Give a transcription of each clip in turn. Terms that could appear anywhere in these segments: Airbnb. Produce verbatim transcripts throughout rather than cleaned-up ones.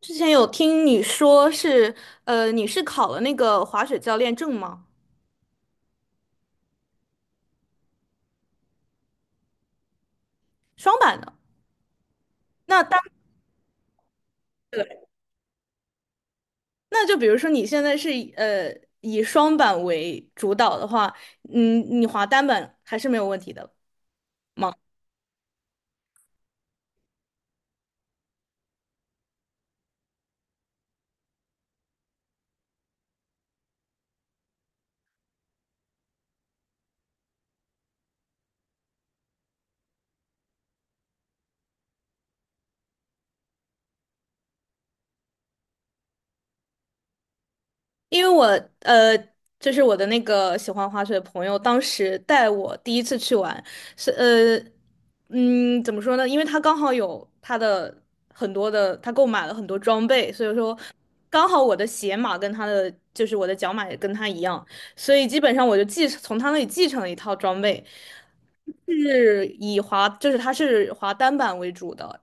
之前有听你说是，呃，你是考了那个滑雪教练证吗？双板的。那单，对，那就比如说你现在是以呃以双板为主导的话，嗯，你滑单板还是没有问题的。因为我呃，就是我的那个喜欢滑雪的朋友，当时带我第一次去玩，是呃，嗯，怎么说呢？因为他刚好有他的很多的，他购买了很多装备，所以说刚好我的鞋码跟他的，就是我的脚码也跟他一样，所以基本上我就继从他那里继承了一套装备，是以滑，就是他是滑单板为主的。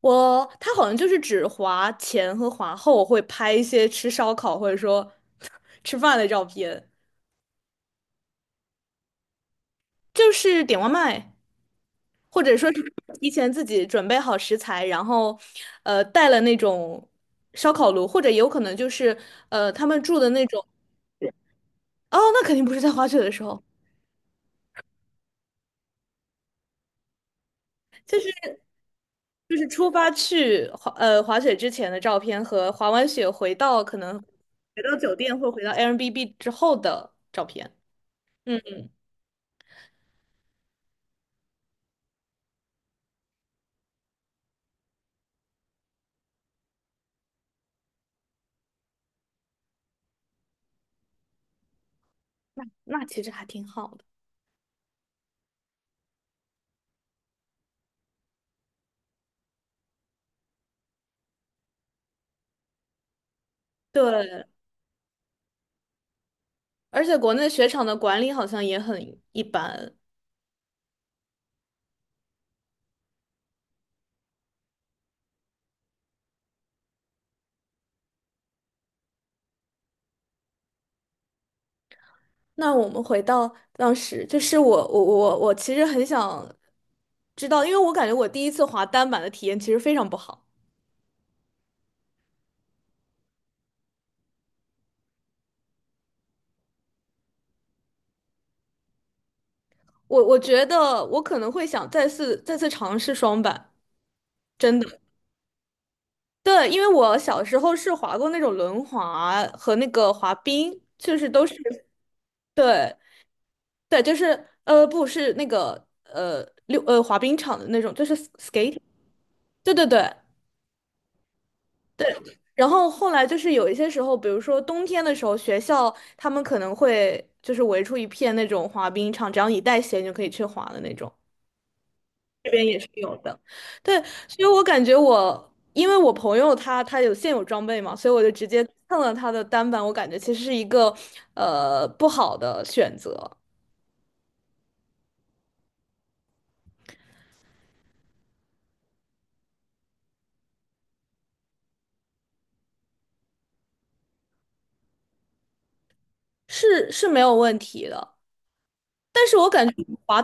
我他好像就是只滑前和滑后会拍一些吃烧烤或者说 吃饭的照片，就是点外卖，或者说是提前自己准备好食材，然后呃带了那种烧烤炉，或者有可能就是呃他们住的那种，哦，那肯定不是在滑雪的时候，就是出发去滑呃滑雪之前的照片和滑完雪回到可能回到酒店或回到 Airbnb 之后的照片。嗯，那那其实还挺好的。对，而且国内雪场的管理好像也很一般。那我们回到当时，就是我我我我其实很想知道，因为我感觉我第一次滑单板的体验其实非常不好。我我觉得我可能会想再次再次尝试双板，真的。对，因为我小时候是滑过那种轮滑和那个滑冰，就是都是对对，就是呃不是那个呃溜呃滑冰场的那种，就是 s k a t e 对对对。然后后来就是有一些时候，比如说冬天的时候，学校他们可能会就是围出一片那种滑冰场，只要你带鞋，你就可以去滑的那种。这边也是有的，对，所以我感觉我，因为我朋友他他有现有装备嘛，所以我就直接蹭了他的单板，我感觉其实是一个呃不好的选择，是是没有问题的。但是我感觉滑，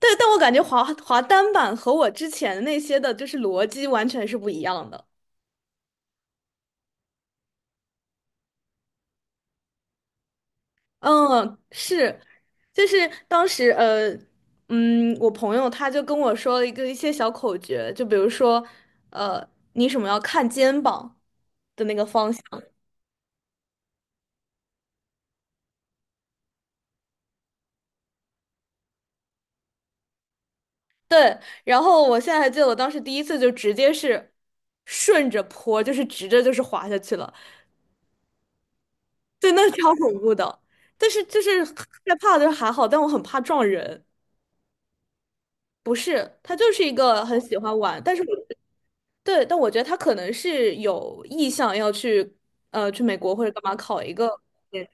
对，但我感觉滑滑单板和我之前那些的就是逻辑完全是不一样的。嗯，是，就是当时呃，嗯，我朋友他就跟我说了一个一些小口诀，就比如说，呃，你什么要看肩膀的那个方向，对。然后我现在还记得我当时第一次就直接是顺着坡，就是直着就是滑下去了，对，那个超恐怖的。但是就是害怕就是还好，但我很怕撞人。不是，他就是一个很喜欢玩，但是我对，但我觉得他可能是有意向要去，呃，去美国或者干嘛考一个研，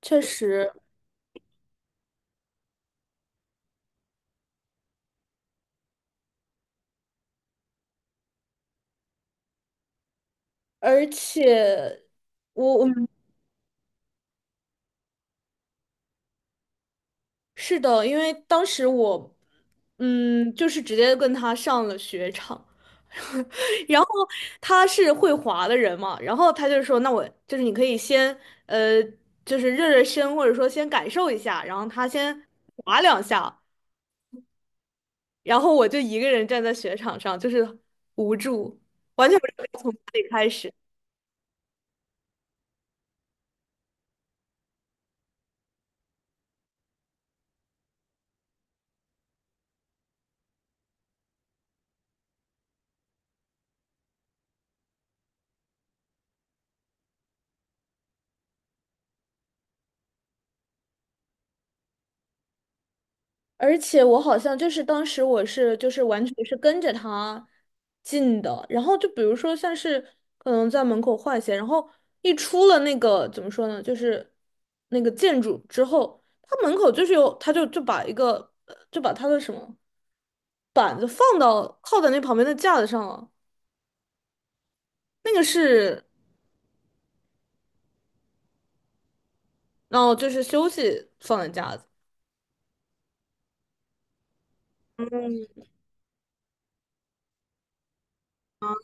确实，而且我我嗯是的，因为当时我，嗯，就是直接跟他上了雪场，然后他是会滑的人嘛，然后他就说，那我就是你可以先，呃，就是热热身，或者说先感受一下，然后他先滑两下，然后我就一个人站在雪场上，就是无助，完全不知道该从哪里开始。而且我好像就是当时我是就是完全是跟着他进的，然后就比如说像是可能在门口换鞋，然后一出了那个怎么说呢，就是那个建筑之后，他门口就是有他就就把一个呃就把他的什么板子放到靠在那旁边的架子上了，那个是然后就是休息放的架子。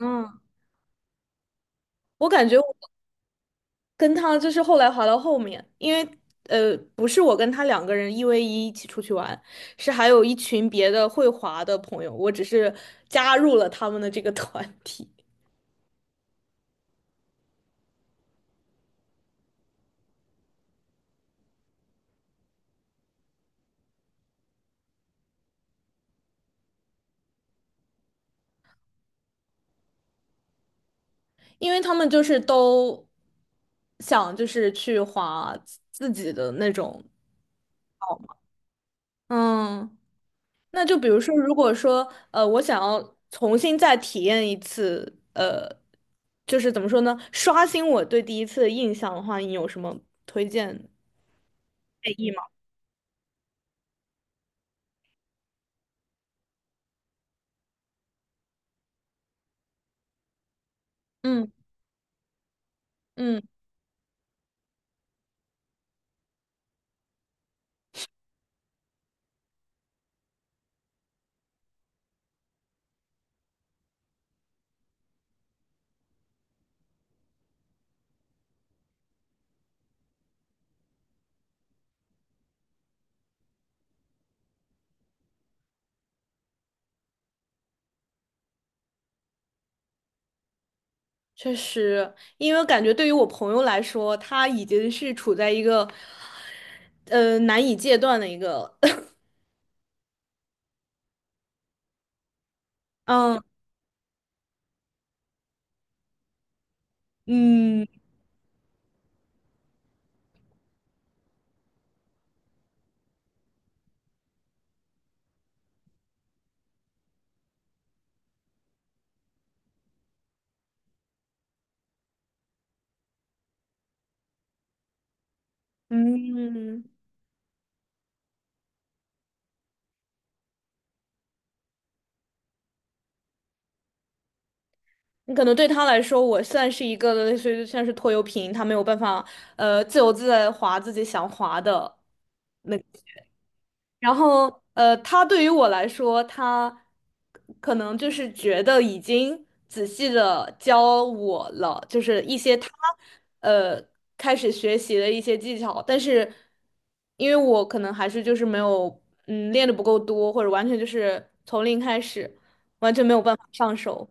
嗯，我感觉我跟他就是后来滑到后面，因为呃，不是我跟他两个人一 v 一一起出去玩，是还有一群别的会滑的朋友，我只是加入了他们的这个 团体，因为他们就是都想就是去滑自自己的那种。嗯，那就比如说，如果说呃，我想要重新再体验一次，呃，就是怎么说呢，刷新我对第一次的印象的话，你有什么推荐？吗？嗯嗯，确实，因为感觉对于我朋友来说，他已经是处在一个呃难以戒断的一个，嗯嗯嗯，你可能对他来说，我算是一个类似于像是拖油瓶，他没有办法呃自由自在地滑自己想滑的。那。然后，呃，他对于我来说，他可能就是觉得已经仔细的教我了，就是一些他呃开始学习的一些技巧，但是因为我可能还是就是没有嗯练的不够多，或者完全就是从零开始，完全没有办法上手。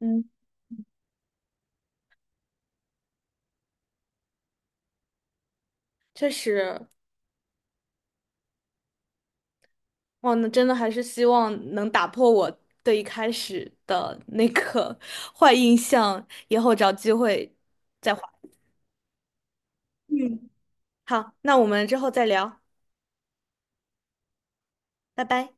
嗯，确实，哇，那真的还是希望能打破我对一开始的那个 坏印象，以后找机会再还。嗯，好，那我们之后再聊，拜拜。